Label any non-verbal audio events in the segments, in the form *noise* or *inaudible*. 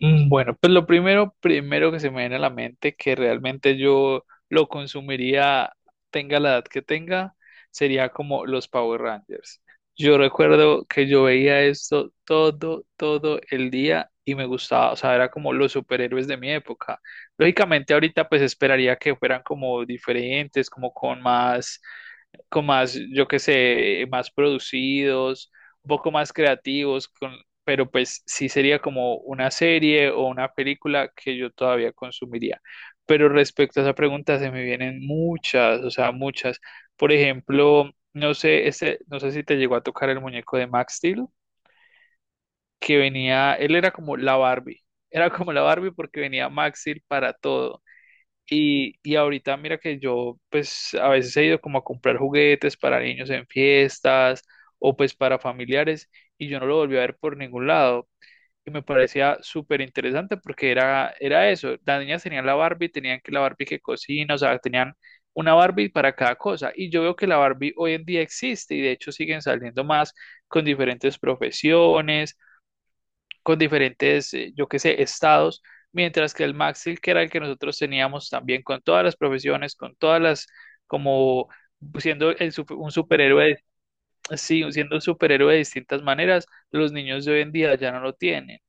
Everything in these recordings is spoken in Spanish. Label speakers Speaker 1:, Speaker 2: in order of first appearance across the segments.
Speaker 1: Bueno, pues lo primero, primero que se me viene a la mente que realmente yo lo consumiría, tenga la edad que tenga, sería como los Power Rangers. Yo recuerdo que yo veía esto todo, todo el día y me gustaba, o sea, era como los superhéroes de mi época. Lógicamente ahorita pues esperaría que fueran como diferentes, como con más yo qué sé, más producidos, un poco más creativos, con, pero pues sí sería como una serie o una película que yo todavía consumiría. Pero respecto a esa pregunta, se me vienen muchas, o sea, muchas. Por ejemplo, no sé, este, no sé si te llegó a tocar el muñeco de Max Steel, que venía, él era como la Barbie, era como la Barbie porque venía Max Steel para todo. Y ahorita mira que yo pues a veces he ido como a comprar juguetes para niños en fiestas o pues para familiares y yo no lo volví a ver por ningún lado. Y me parecía súper interesante porque era, era eso. Las niñas tenían la Barbie, tenían que la Barbie que cocina, o sea, tenían una Barbie para cada cosa. Y yo veo que la Barbie hoy en día existe y de hecho siguen saliendo más con diferentes profesiones con diferentes, yo qué sé, estados, mientras que el Maxil, que era el que nosotros teníamos también con todas las profesiones, con todas las, como un superhéroe, sí, siendo un superhéroe de distintas maneras, los niños de hoy en día ya no lo tienen.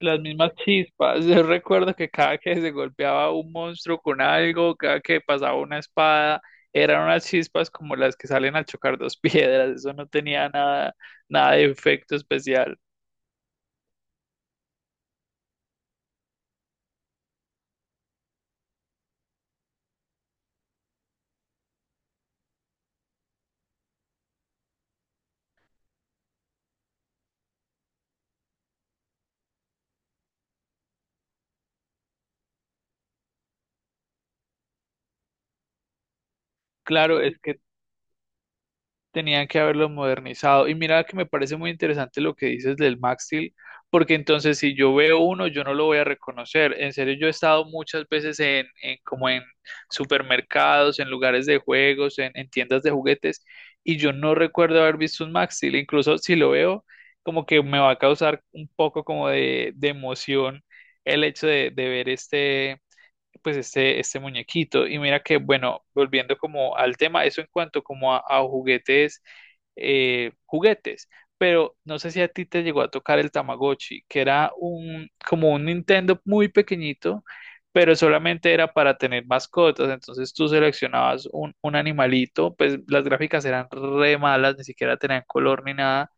Speaker 1: Las mismas chispas. *laughs* Yo recuerdo que cada que se golpeaba un monstruo con algo, cada que pasaba una espada, eran unas chispas como las que salen al chocar dos *laughs* piedras. Eso no tenía nada, nada de efecto especial. Claro, es que tenían que haberlo modernizado. Y mira que me parece muy interesante lo que dices del Max porque entonces si yo veo uno, yo no lo voy a reconocer. En serio, yo he estado muchas veces en como en supermercados, en lugares de juegos, en tiendas de juguetes, y yo no recuerdo haber visto un Max. Incluso si lo veo, como que me va a causar un poco como de emoción el hecho de ver este pues este muñequito. Y mira que, bueno, volviendo como al tema, eso en cuanto como a juguetes, juguetes. Pero no sé si a ti te llegó a tocar el Tamagotchi, que era como un Nintendo muy pequeñito, pero solamente era para tener mascotas. Entonces tú seleccionabas un animalito, pues las gráficas eran re malas, ni siquiera tenían color ni nada,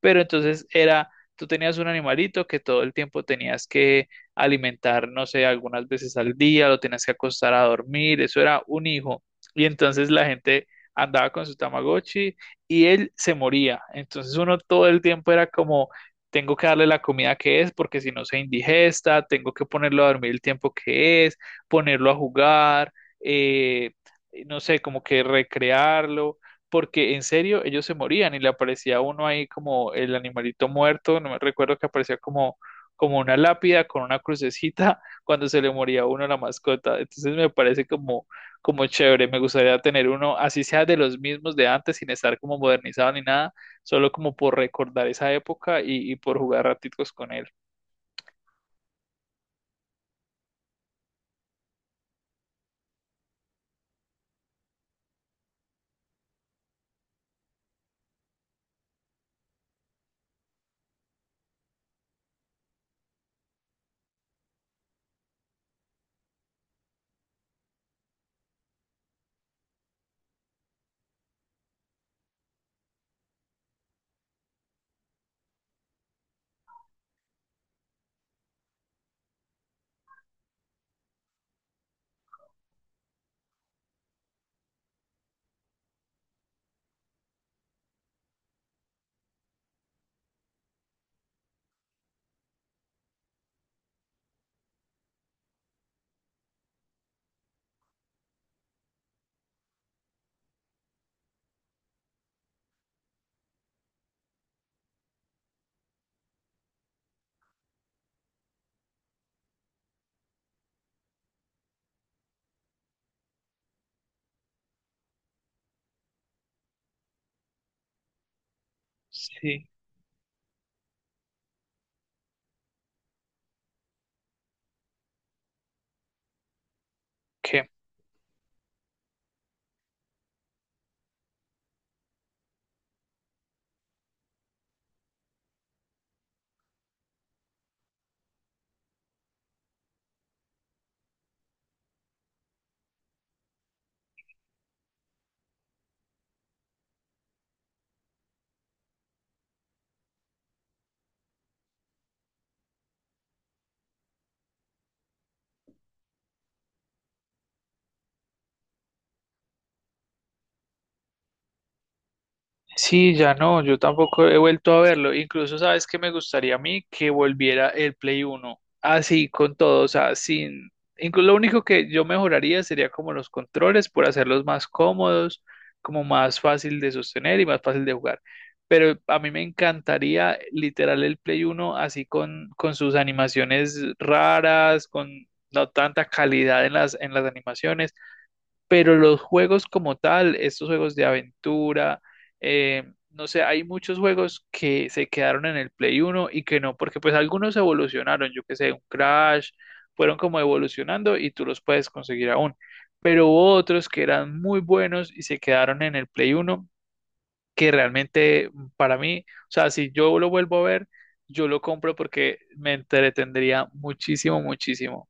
Speaker 1: pero entonces era, tú tenías un animalito que todo el tiempo tenías que alimentar, no sé, algunas veces al día, lo tenías que acostar a dormir, eso era un hijo. Y entonces la gente andaba con su Tamagotchi y él se moría. Entonces uno todo el tiempo era como, tengo que darle la comida que es porque si no se indigesta, tengo que ponerlo a dormir el tiempo que es, ponerlo a jugar, eh, no sé, como que recrearlo porque en serio ellos se morían y le aparecía uno ahí como el animalito muerto, no me recuerdo que aparecía como, como una lápida con una crucecita *laughs* cuando se le moría a uno la mascota. Entonces me parece como, como chévere, me gustaría tener uno, así sea de los mismos de antes, sin estar como modernizado ni nada, solo como por recordar esa época y por jugar ratitos con él. Sí, ¿qué? Sí, ya no, yo tampoco he vuelto a verlo. Incluso, ¿sabes qué me gustaría a mí? Que volviera el Play Uno. Así, con todo, o sea, sin... Incluso lo único que yo mejoraría sería como los controles por hacerlos más cómodos, como más fácil de sostener y más fácil de jugar. Pero a mí me encantaría literal el Play Uno así con sus animaciones raras, con no tanta calidad en las animaciones, pero los juegos como tal, estos juegos de aventura, eh, no sé, hay muchos juegos que se quedaron en el Play uno y que no, porque pues algunos evolucionaron, yo que sé, un Crash, fueron como evolucionando y tú los puedes conseguir aún. Pero hubo otros que eran muy buenos y se quedaron en el Play uno que realmente para mí, o sea, si yo lo vuelvo a ver, yo lo compro porque me entretendría muchísimo, muchísimo.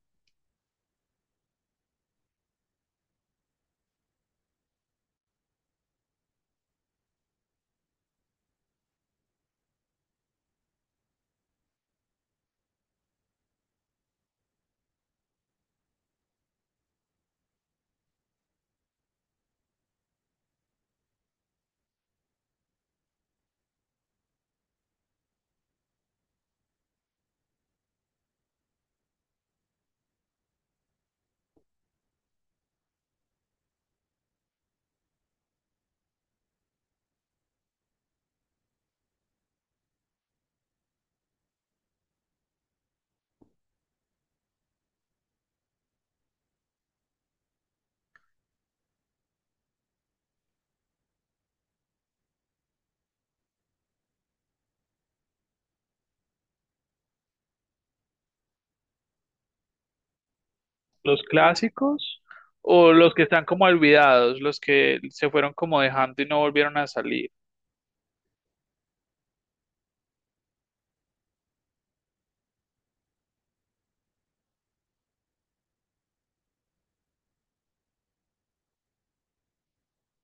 Speaker 1: ¿Los clásicos o los que están como olvidados, los que se fueron como dejando y no volvieron a salir?